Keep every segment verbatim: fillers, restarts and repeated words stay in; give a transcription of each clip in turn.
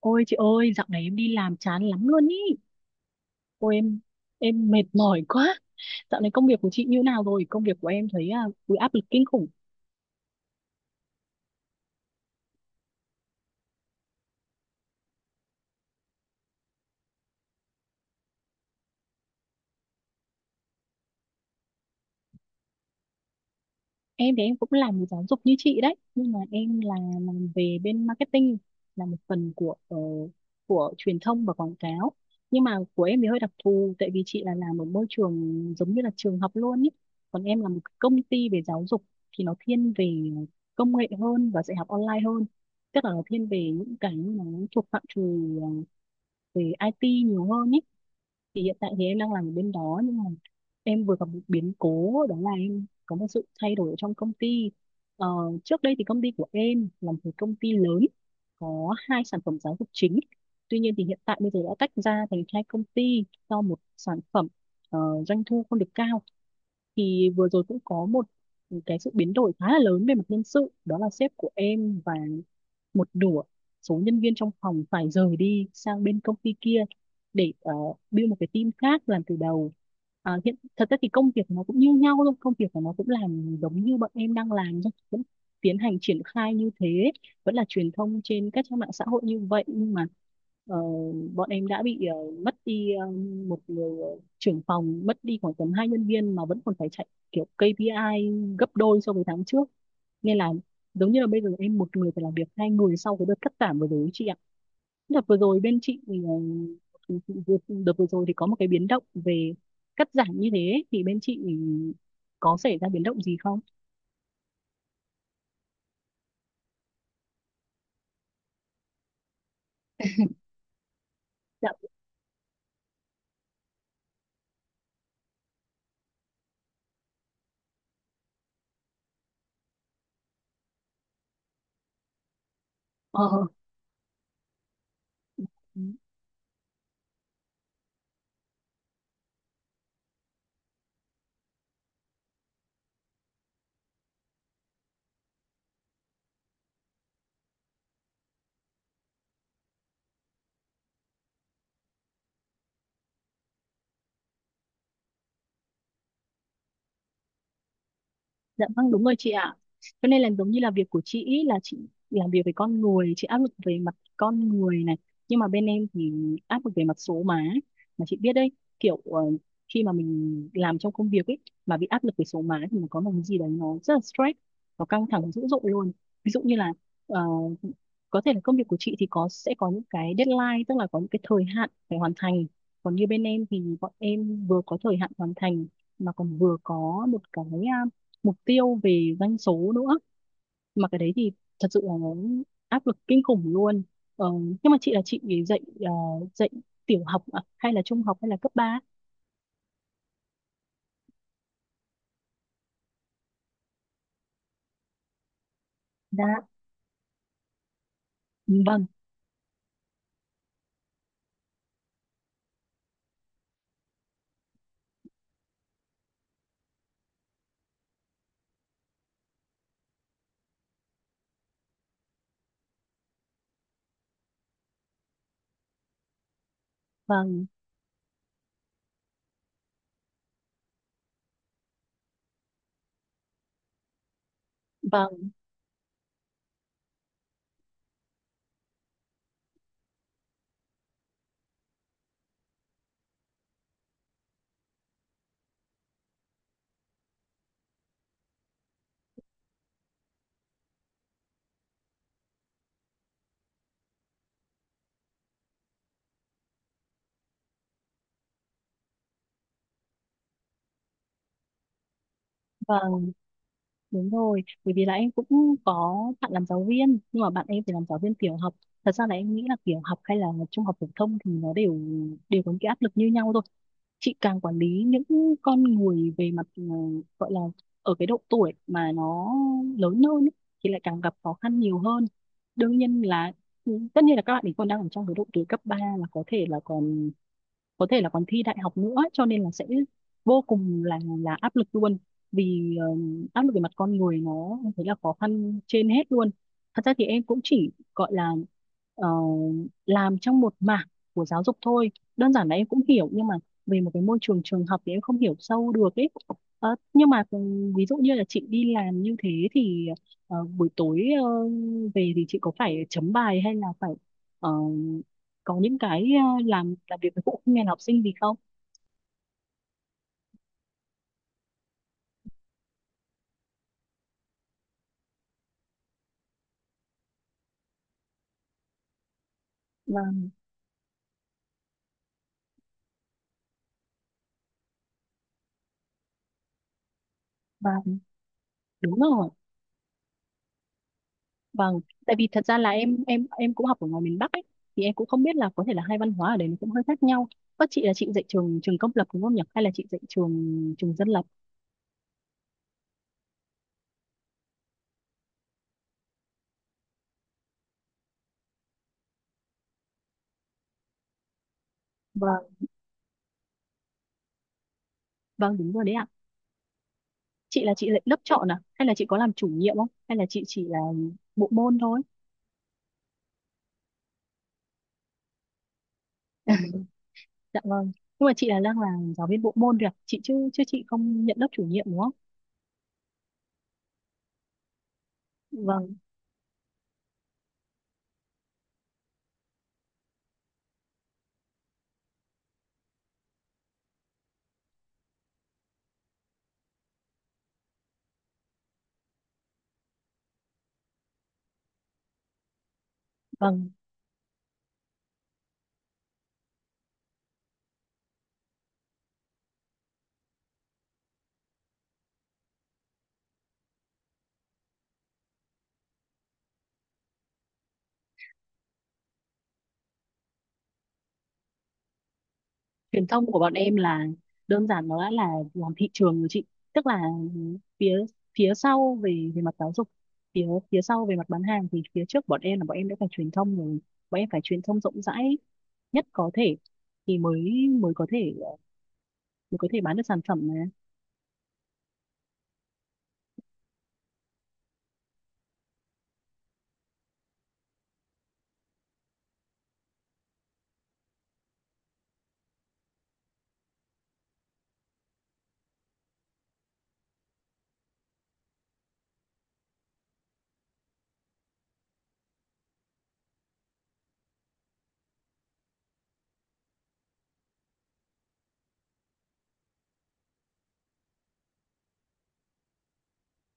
Ôi chị ơi, dạo này em đi làm chán lắm luôn ý. Ôi em em mệt mỏi quá. Dạo này công việc của chị như nào rồi? Công việc của em thấy à, ui, áp lực kinh khủng. Em thì em cũng làm về giáo dục như chị đấy, nhưng mà em là làm về bên marketing, là một phần của ờ, của truyền thông và quảng cáo. Nhưng mà của em thì hơi đặc thù, tại vì chị là làm ở môi trường giống như là trường học luôn ý, còn em là một cái công ty về giáo dục, thì nó thiên về công nghệ hơn và dạy học online hơn. Tức là nó thiên về những cái mà nó thuộc phạm trù ờ, về i tê nhiều hơn ý. Thì hiện tại thì em đang làm ở bên đó, nhưng mà em vừa gặp một biến cố, đó là em có một sự thay đổi ở trong công ty. ờ, Trước đây thì công ty của em là một cái công ty lớn, có hai sản phẩm giáo dục chính. Tuy nhiên thì hiện tại bây giờ đã tách ra thành hai công ty, do một sản phẩm ờ, doanh thu không được cao. Thì vừa rồi cũng có một cái sự biến đổi khá là lớn về mặt nhân sự, đó là sếp của em và một nửa số nhân viên trong phòng phải rời đi sang bên công ty kia để ờ, build một cái team khác làm từ đầu. Ờ, hiện thật ra thì công việc nó cũng như nhau thôi, công việc của nó cũng làm giống như bọn em đang làm thôi, vẫn tiến hành triển khai như thế, vẫn là truyền thông trên các trang mạng xã hội như vậy. Nhưng mà ờ, bọn em đã bị ờ, mất đi ờ, một người ờ, trưởng phòng, mất đi khoảng tầm hai nhân viên mà vẫn còn phải chạy kiểu ca pê i gấp đôi so với tháng trước, nên là giống như là bây giờ em một người phải làm việc hai người sau cái đợt cắt giảm vừa rồi ấy chị ạ. Đợt vừa rồi bên chị ừ, đợt đợt vừa rồi thì có một cái biến động về cắt giảm như thế ấy, thì bên chị có xảy ra biến động gì không? Dạ. Ờ. Dạ vâng, đúng rồi chị ạ. Cho nên là giống như là việc của chị ý là chị làm việc về con người, chị áp lực về mặt con người này. Nhưng mà bên em thì áp lực về mặt số má. Mà chị biết đấy, kiểu ờ, khi mà mình làm trong công việc ấy, mà bị áp lực về số má thì nó có một cái gì đấy nó rất là stress, nó căng thẳng dữ dội luôn. Ví dụ như là ờ, có thể là công việc của chị thì có sẽ có những cái deadline, tức là có những cái thời hạn phải hoàn thành. Còn như bên em thì bọn em vừa có thời hạn hoàn thành mà còn vừa có một cái à, mục tiêu về doanh số nữa, mà cái đấy thì thật sự là nó áp lực kinh khủng luôn. ờ, nhưng mà chị là chị thì dạy ờ, dạy tiểu học à? Hay là trung học hay là cấp ba? Dạ, vâng vâng vâng vâng đúng rồi, bởi vì là em cũng có bạn làm giáo viên, nhưng mà bạn em thì làm giáo viên tiểu học. Thật ra là em nghĩ là tiểu học hay là trung học phổ thông thì nó đều đều có những cái áp lực như nhau thôi. Chị càng quản lý những con người về mặt ờ, gọi là ở cái độ tuổi mà nó lớn hơn ấy, thì lại càng gặp khó khăn nhiều hơn. Đương nhiên là ừ, tất nhiên là các bạn ấy còn đang ở trong cái độ tuổi cấp ba, là có thể là còn có thể là còn thi đại học nữa, cho nên là sẽ vô cùng là là áp lực luôn. Vì ờ, áp lực về mặt con người nó thấy là khó khăn trên hết luôn. Thật ra thì em cũng chỉ gọi là ờ, làm trong một mảng của giáo dục thôi, đơn giản là em cũng hiểu nhưng mà về một cái môi trường trường học thì em không hiểu sâu được ấy. Ờ, nhưng mà ừ, ví dụ như là chị đi làm như thế thì ờ, buổi tối ờ, về thì chị có phải chấm bài hay là phải ờ, có những cái ờ, làm làm việc với phụ huynh hay là học sinh gì không? Vâng. Vâng đúng rồi. Vâng. Tại vì thật ra là em em em cũng học ở ngoài miền Bắc ấy, thì em cũng không biết là có thể là hai văn hóa ở đấy nó cũng hơi khác nhau. Các chị là chị dạy trường trường công lập đúng không nhỉ? Hay là chị dạy trường trường dân lập? Vâng. Vâng đúng rồi đấy ạ. Chị là chị dạy lớp chọn à, hay là chị có làm chủ nhiệm, không hay là chị chỉ là bộ môn thôi? Dạ vâng. Nhưng mà chị là đang là giáo viên bộ môn rồi ạ? Chị chứ chứ chị không nhận lớp chủ nhiệm đúng không? Vâng vâng Truyền thông của bọn em là đơn giản nó đã là làm thị trường rồi chị. Tức là phía phía sau về về mặt giáo dục, phía phía sau về mặt bán hàng, thì phía trước bọn em là bọn em đã phải truyền thông rồi. Bọn em phải truyền thông rộng rãi nhất có thể, thì mới mới có thể mới có thể bán được sản phẩm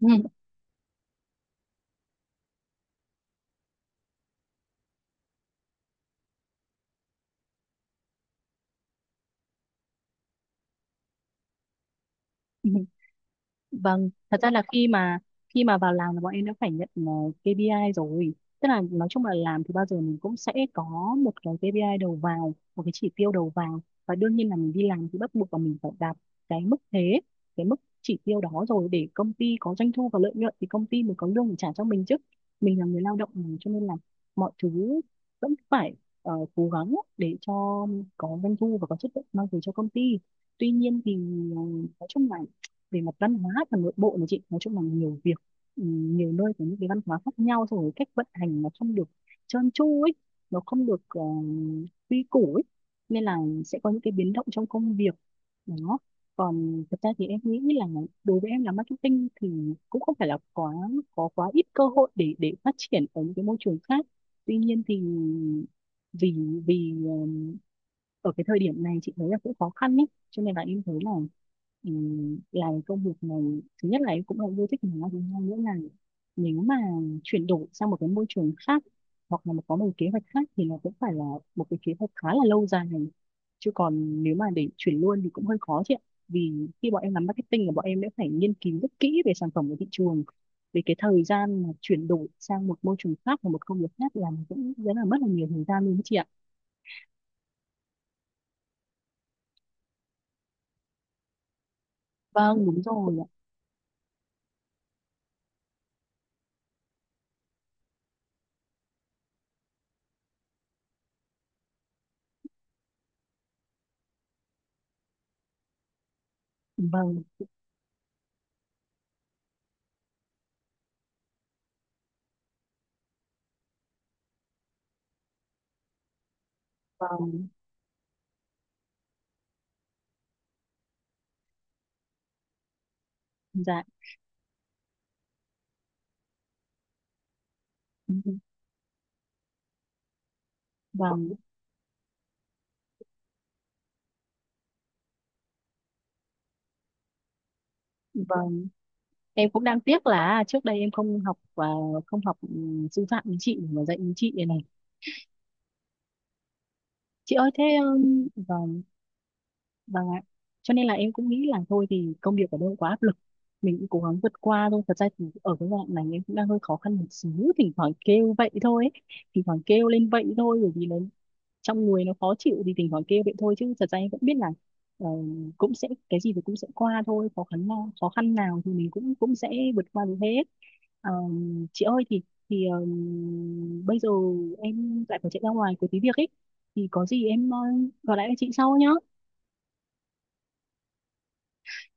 mà. Vâng, thật ra là khi mà khi mà vào làm là bọn em đã phải nhận ờ, ca pê i rồi. Tức là nói chung là làm thì bao giờ mình cũng sẽ có một cái ca pê i đầu vào, một cái chỉ tiêu đầu vào, và đương nhiên là mình đi làm thì bắt buộc là mình phải đạt cái mức thế, cái mức chỉ tiêu đó rồi để công ty có doanh thu và lợi nhuận thì công ty mới có lương để trả cho mình chứ. Mình là người lao động mà, cho nên là mọi thứ vẫn phải ờ, cố gắng để cho có doanh thu và có chất lượng mang về cho công ty. Tuy nhiên thì ờ, nói chung là về mặt văn hóa và nội bộ này chị, nói chung là nhiều việc, ừ, nhiều nơi có những cái văn hóa khác nhau, xong rồi cách vận hành nó không được trơn tru ấy, nó không được ờ, quy củ ấy, nên là sẽ có những cái biến động trong công việc đó. Còn thật ra thì em nghĩ là đối với em làm marketing thì cũng không phải là quá có quá ít cơ hội để để phát triển ở những cái môi trường khác. Tuy nhiên thì vì vì ờ, ở cái thời điểm này chị thấy là cũng khó khăn ấy, cho nên là em thấy là ừm, làm công việc này thứ nhất là em cũng là yêu thích nó, thứ hai nữa là nếu mà chuyển đổi sang một cái môi trường khác hoặc là có một kế hoạch khác thì nó cũng phải là một cái kế hoạch khá là lâu dài này, chứ còn nếu mà để chuyển luôn thì cũng hơi khó chị ạ. Vì khi bọn em làm marketing là bọn em đã phải nghiên cứu rất kỹ về sản phẩm của thị trường, về cái thời gian mà chuyển đổi sang một môi trường khác và một công việc khác là cũng rất là mất là nhiều thời gian luôn đấy chị ạ. Vâng đúng rồi ạ. Vâng. Vâng. Dạ. Vâng, vâng. Em cũng đang tiếc là à, trước đây em không học và không học ừ, sư phạm với chị mà dạy với chị này. này. Chị ơi thế ừm, vâng, vâng ạ. Cho nên là em cũng nghĩ là thôi thì công việc ở đâu quá áp lực, mình cũng cố gắng vượt qua thôi. Thật ra thì ở cái đoạn này em cũng đang hơi khó khăn một xíu, thỉnh thoảng kêu vậy thôi ấy. Thỉnh thoảng kêu lên vậy thôi bởi vì nó trong người nó khó chịu thì thỉnh thoảng kêu vậy thôi, chứ thật ra em cũng biết là ờ, cũng sẽ cái gì thì cũng sẽ qua thôi, khó khăn nào khó khăn nào thì mình cũng cũng sẽ vượt qua được hết. Ờ, chị ơi thì thì ờ, bây giờ em lại phải chạy ra ngoài có tí việc ấy, thì có gì em ờ, gọi lại cho chị sau nhá.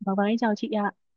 Vâng vâng, em chào chị ạ.